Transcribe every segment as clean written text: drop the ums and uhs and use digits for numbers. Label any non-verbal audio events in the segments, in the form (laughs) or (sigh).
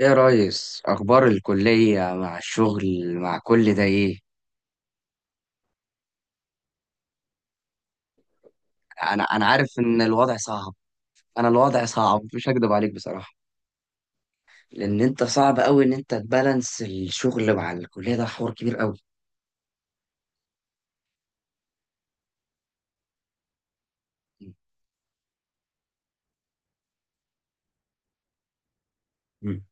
ايه يا ريس، اخبار الكليه مع الشغل مع كل ده ايه؟ انا عارف ان الوضع صعب. انا الوضع صعب، مش هكدب عليك بصراحه. لان انت صعب قوي ان انت تبالانس الشغل مع الكليه، ده حوار كبير قوي. مم.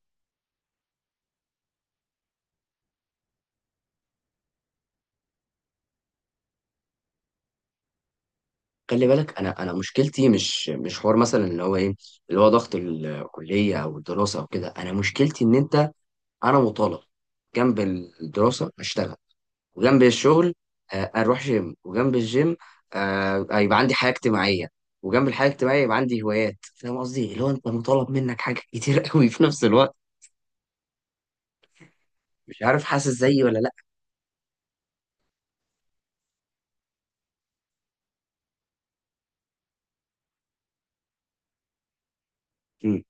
خلي بالك، انا مشكلتي مش حوار مثلا اللي هو ايه، اللي هو ضغط الكليه او الدراسه او كده. انا مشكلتي ان انت، انا مطالب جنب الدراسه اشتغل، وجنب الشغل اروح جيم، وجنب الجيم يبقى عندي حياه اجتماعيه، وجنب الحياه الاجتماعيه يبقى عندي هوايات. فاهم قصدي؟ اللي هو انت مطالب منك حاجه (laughs) كتير قوي في نفس الوقت. مش عارف، حاسس زيي ولا لا؟ مم.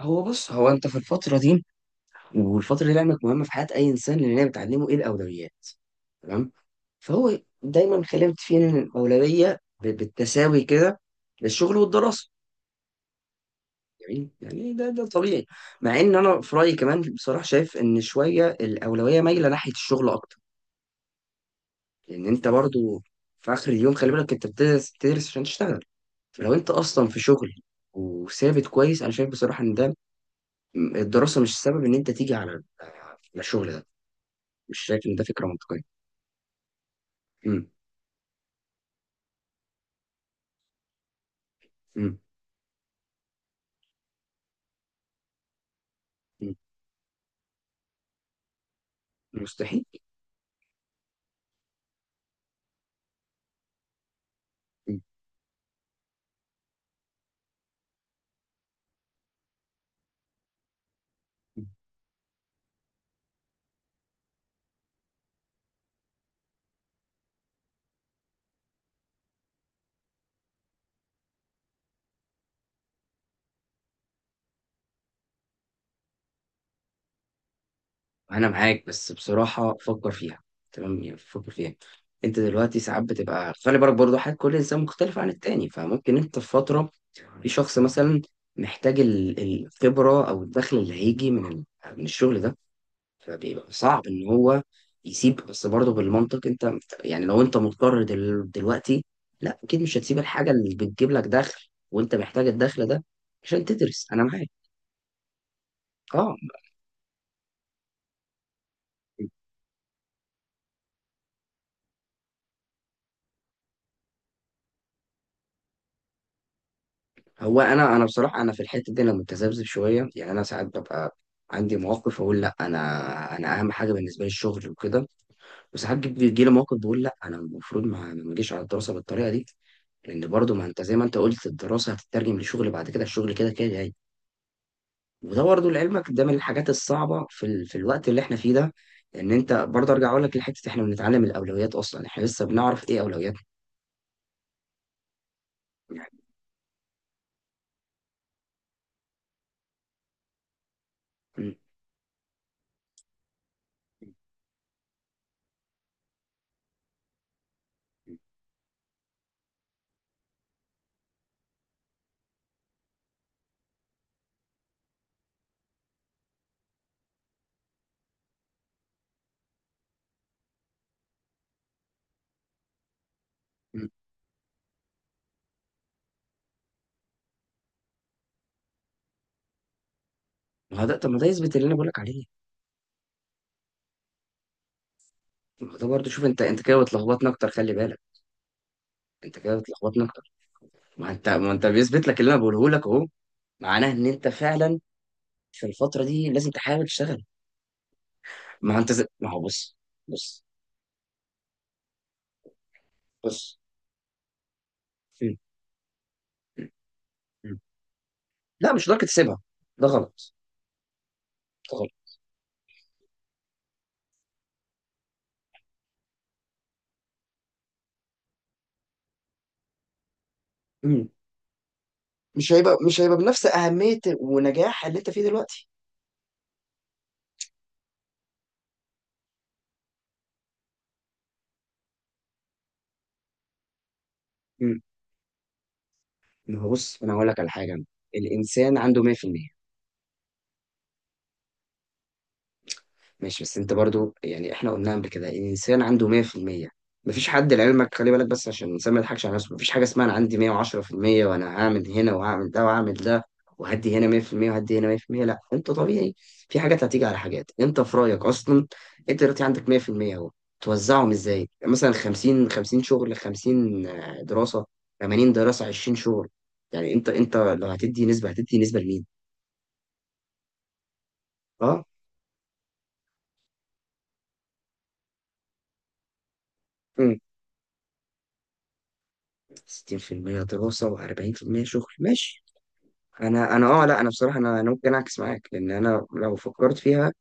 هو بص، هو انت في الفتره دي، والفتره دي لعلمك مهمه في حياه اي انسان، لان هي بتعلمه ايه الاولويات. تمام. فهو دايما خلمت فيه ان الاولويه بالتساوي كده للشغل والدراسه. جميل، يعني ده طبيعي. مع ان انا في رايي كمان بصراحه شايف ان شويه الاولويه مايله ناحيه الشغل اكتر. لان انت برضو في اخر اليوم، خلي بالك انت بتدرس بتدرس عشان تشتغل. فلو انت اصلا في شغل وثابت كويس، انا شايف بصراحه ان ده الدراسه مش السبب ان انت تيجي على الشغل ده. مش شايف ان ده فكره منطقيه. امم. امم. إمم. مستحيل. إمم، إمم. انا معاك، بس بصراحه فكر فيها، تمام؟ يعني فكر فيها. انت دلوقتي ساعات بتبقى، خلي بالك برضو حاجه، كل انسان مختلف عن التاني. فممكن انت في فتره، في شخص مثلا محتاج الخبره او الدخل اللي هيجي من من الشغل ده، فبيبقى صعب ان هو يسيب. بس برضه بالمنطق انت، يعني لو انت مضطر دلوقتي، لا اكيد مش هتسيب الحاجه اللي بتجيب لك دخل وانت محتاج الدخل ده عشان تدرس. انا معاك. اه. هو انا بصراحه انا في الحته دي انا متذبذب شويه، يعني انا ساعات ببقى عندي مواقف اقول لا، انا انا اهم حاجه بالنسبه لي الشغل وكده. وساعات بيجي لي مواقف بقول لا، انا المفروض ما اجيش على الدراسه بالطريقه دي. لان برضو ما انت زي ما انت قلت، الدراسه هتترجم لشغل بعد كده، الشغل كده كده جاي. وده برضو لعلمك ده من الحاجات الصعبه في في الوقت اللي احنا فيه ده. ان انت برضو ارجع اقول لك لحته، احنا بنتعلم الاولويات، اصلا احنا لسه بنعرف ايه اولوياتنا. يعني م- م- ما هو ده، طب ما ده يثبت اللي انا بقول لك عليه. ده برضه شوف، انت كده بتلخبطني اكتر، خلي بالك. انت كده بتلخبطني اكتر. ما انت بيثبت لك اللي انا بقوله لك اهو. معناه ان انت فعلا في الفتره دي لازم تحاول تشتغل. ما انت زي... ما هو بص. بص. بص. مم. مم. مم. لا، مش هتقدر تسيبها، ده غلط. ده غلط. مم. مش هيبقى بنفس اهميه ونجاح اللي انت فيه دلوقتي. مم. ما هو بص، انا هقول لك على حاجه. الانسان عنده 100%، ماشي؟ بس انت برضو يعني احنا قلنا قبل كده الانسان عنده 100%. مفيش حد لعلمك، خلي بالك بس عشان الانسان ما يضحكش على نفسه، مفيش حاجه اسمها انا عندي 110% وانا هعمل هنا وهعمل ده وهعمل ده، وهدي هنا 100% وهدي هنا 100%. لا، انت طبيعي، في حاجات هتيجي على حاجات. انت في رايك اصلا انت دلوقتي عندك 100%، اهو توزعهم ازاي؟ يعني مثلا 50 50، شغل 50 دراسه؟ 80 دراسه 20 شغل؟ يعني انت لو هتدي نسبه، هتدي نسبه لمين؟ اه. مم. 60% دراسة و40% شغل، ماشي. انا اه، لا انا بصراحه، انا ممكن اعكس معاك، لان انا لو فكرت فيها،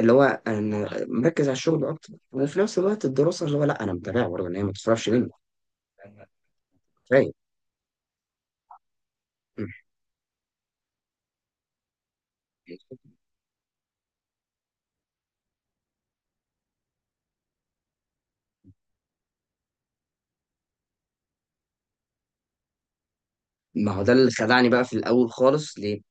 اللي هو انا مركز على الشغل اكتر، وفي نفس الوقت الدراسه اللي هو لا انا متابعها برضه ان هي ما تصرفش مني. فاهم. ما هو ده اللي خدعني بقى في الاول خالص، ليه؟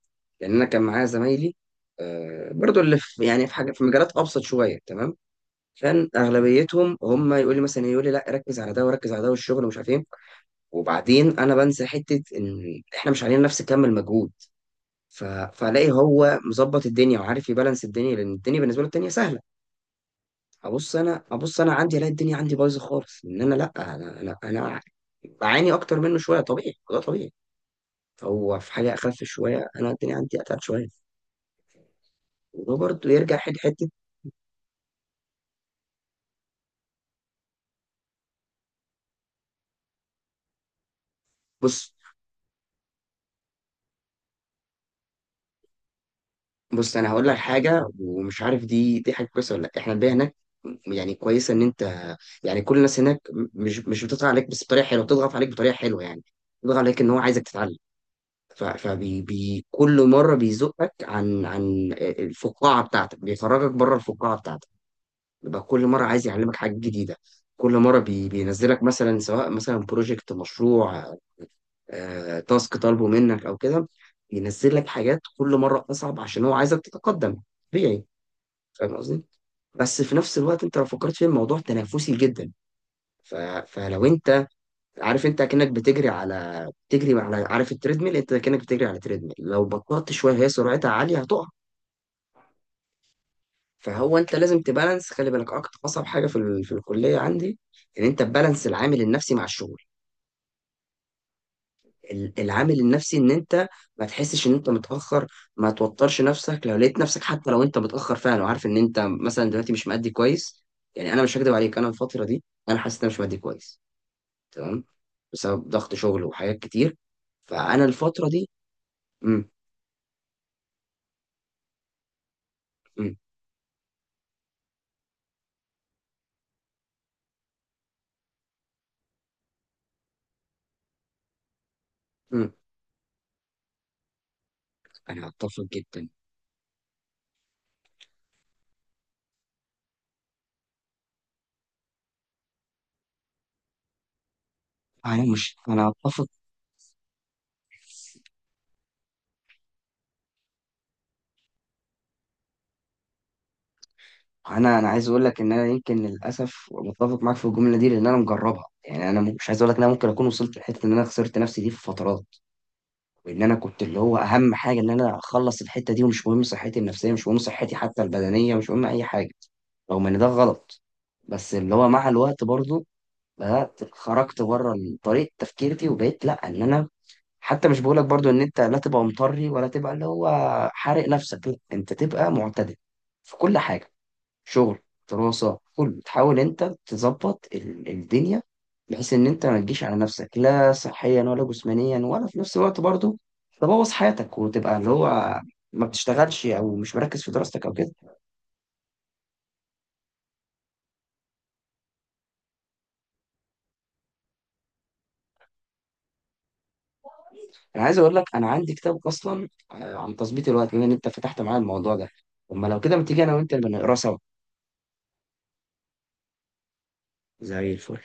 لان انا كان معايا زمايلي برضو اللي في يعني في حاجه في مجالات ابسط شويه، تمام؟ كان اغلبيتهم هم يقول لي مثلا، يقول لي لا ركز على ده وركز على ده والشغل ومش عارف ايه. وبعدين انا بنسى حته ان احنا مش علينا نفس كم المجهود. ف... فالاقي هو مظبط الدنيا وعارف يبالانس الدنيا، لان الدنيا بالنسبه له الدنيا سهله. ابص انا، ابص انا عندي الاقي الدنيا عندي بايظه خالص، ان انا لا، انا بعاني اكتر منه شويه. طبيعي، ده طبيعي. هو في حاجه اخف شويه، انا الدنيا عندي اتقل شويه. وده برضه يرجع حته حته. بص. بص، انا هقول لك حاجه، ومش عارف دي حاجه كويسه ولا لا. احنا البيئه هناك يعني كويسه، ان انت، يعني كل الناس هناك مش بتضغط عليك بس بطريقه حلوه. بتضغط عليك بطريقه حلوه يعني، بتضغط عليك ان هو عايزك تتعلم. فكل مرة بيزقك عن الفقاعة بتاعتك، بيخرجك بره الفقاعة بتاعتك، يبقى كل مرة عايز يعلمك حاجة جديدة. كل مرة بينزلك مثلا، سواء مثلا بروجكت، مشروع، تاسك طالبه منك أو كده، بينزل لك حاجات كل مرة أصعب عشان هو عايزك تتقدم. طبيعي. فاهم قصدي؟ بس في نفس الوقت أنت لو فكرت في الموضوع، تنافسي جدا. ف- فلو أنت، عارف انت اكنك بتجري على، عارف التريدميل؟ انت اكنك بتجري على تريدميل، لو بطلت شويه هي سرعتها عاليه هتقع. فهو انت لازم تبالانس، خلي بالك، اكتر اصعب حاجه في في الكليه عندي ان انت تبالانس العامل النفسي مع الشغل. العامل النفسي ان انت ما تحسش ان انت متاخر، ما توترش نفسك لو لقيت نفسك حتى لو انت متاخر فعلا، وعارف ان انت مثلا دلوقتي مش مادي كويس. يعني انا مش هكدب عليك، انا الفتره دي انا حاسس ان انا مش مادي كويس، تمام؟ بسبب ضغط شغل وحاجات كتير، فانا الفتره دي. مم. مم. انا اتفق جدا. انا مش، انا اتفق. انا عايز اقول لك ان انا يمكن للاسف متفق معاك في الجمله دي، لان انا مجربها. يعني انا مش عايز اقول لك ان انا ممكن اكون وصلت لحته ان انا خسرت نفسي دي في فترات، وان انا كنت اللي هو اهم حاجه ان انا اخلص الحته دي، ومش مهم صحتي النفسيه، مش مهم صحتي حتى البدنيه، مش مهم اي حاجه. رغم ان ده غلط، بس اللي هو مع الوقت برضو بدات خرجت بره طريقه تفكيرتي، وبقيت لا، ان انا حتى مش بقولك برضو ان انت لا تبقى مطري، ولا تبقى اللي هو حارق نفسك، لا انت تبقى معتدل في كل حاجة. شغل، دراسة، كل تحاول انت تظبط الدنيا بحيث ان انت ما تجيش على نفسك، لا صحيا ولا جسمانيا، ولا في نفس الوقت برضو تبوظ حياتك وتبقى اللي هو ما بتشتغلش او مش مركز في دراستك او كده. انا عايز اقول لك، انا عندي كتاب اصلا عن تظبيط الوقت. بما ان انت فتحت معايا الموضوع ده، اما لو كده ما تيجي انا وانت نبقى نقراه سوا؟ زي الفل.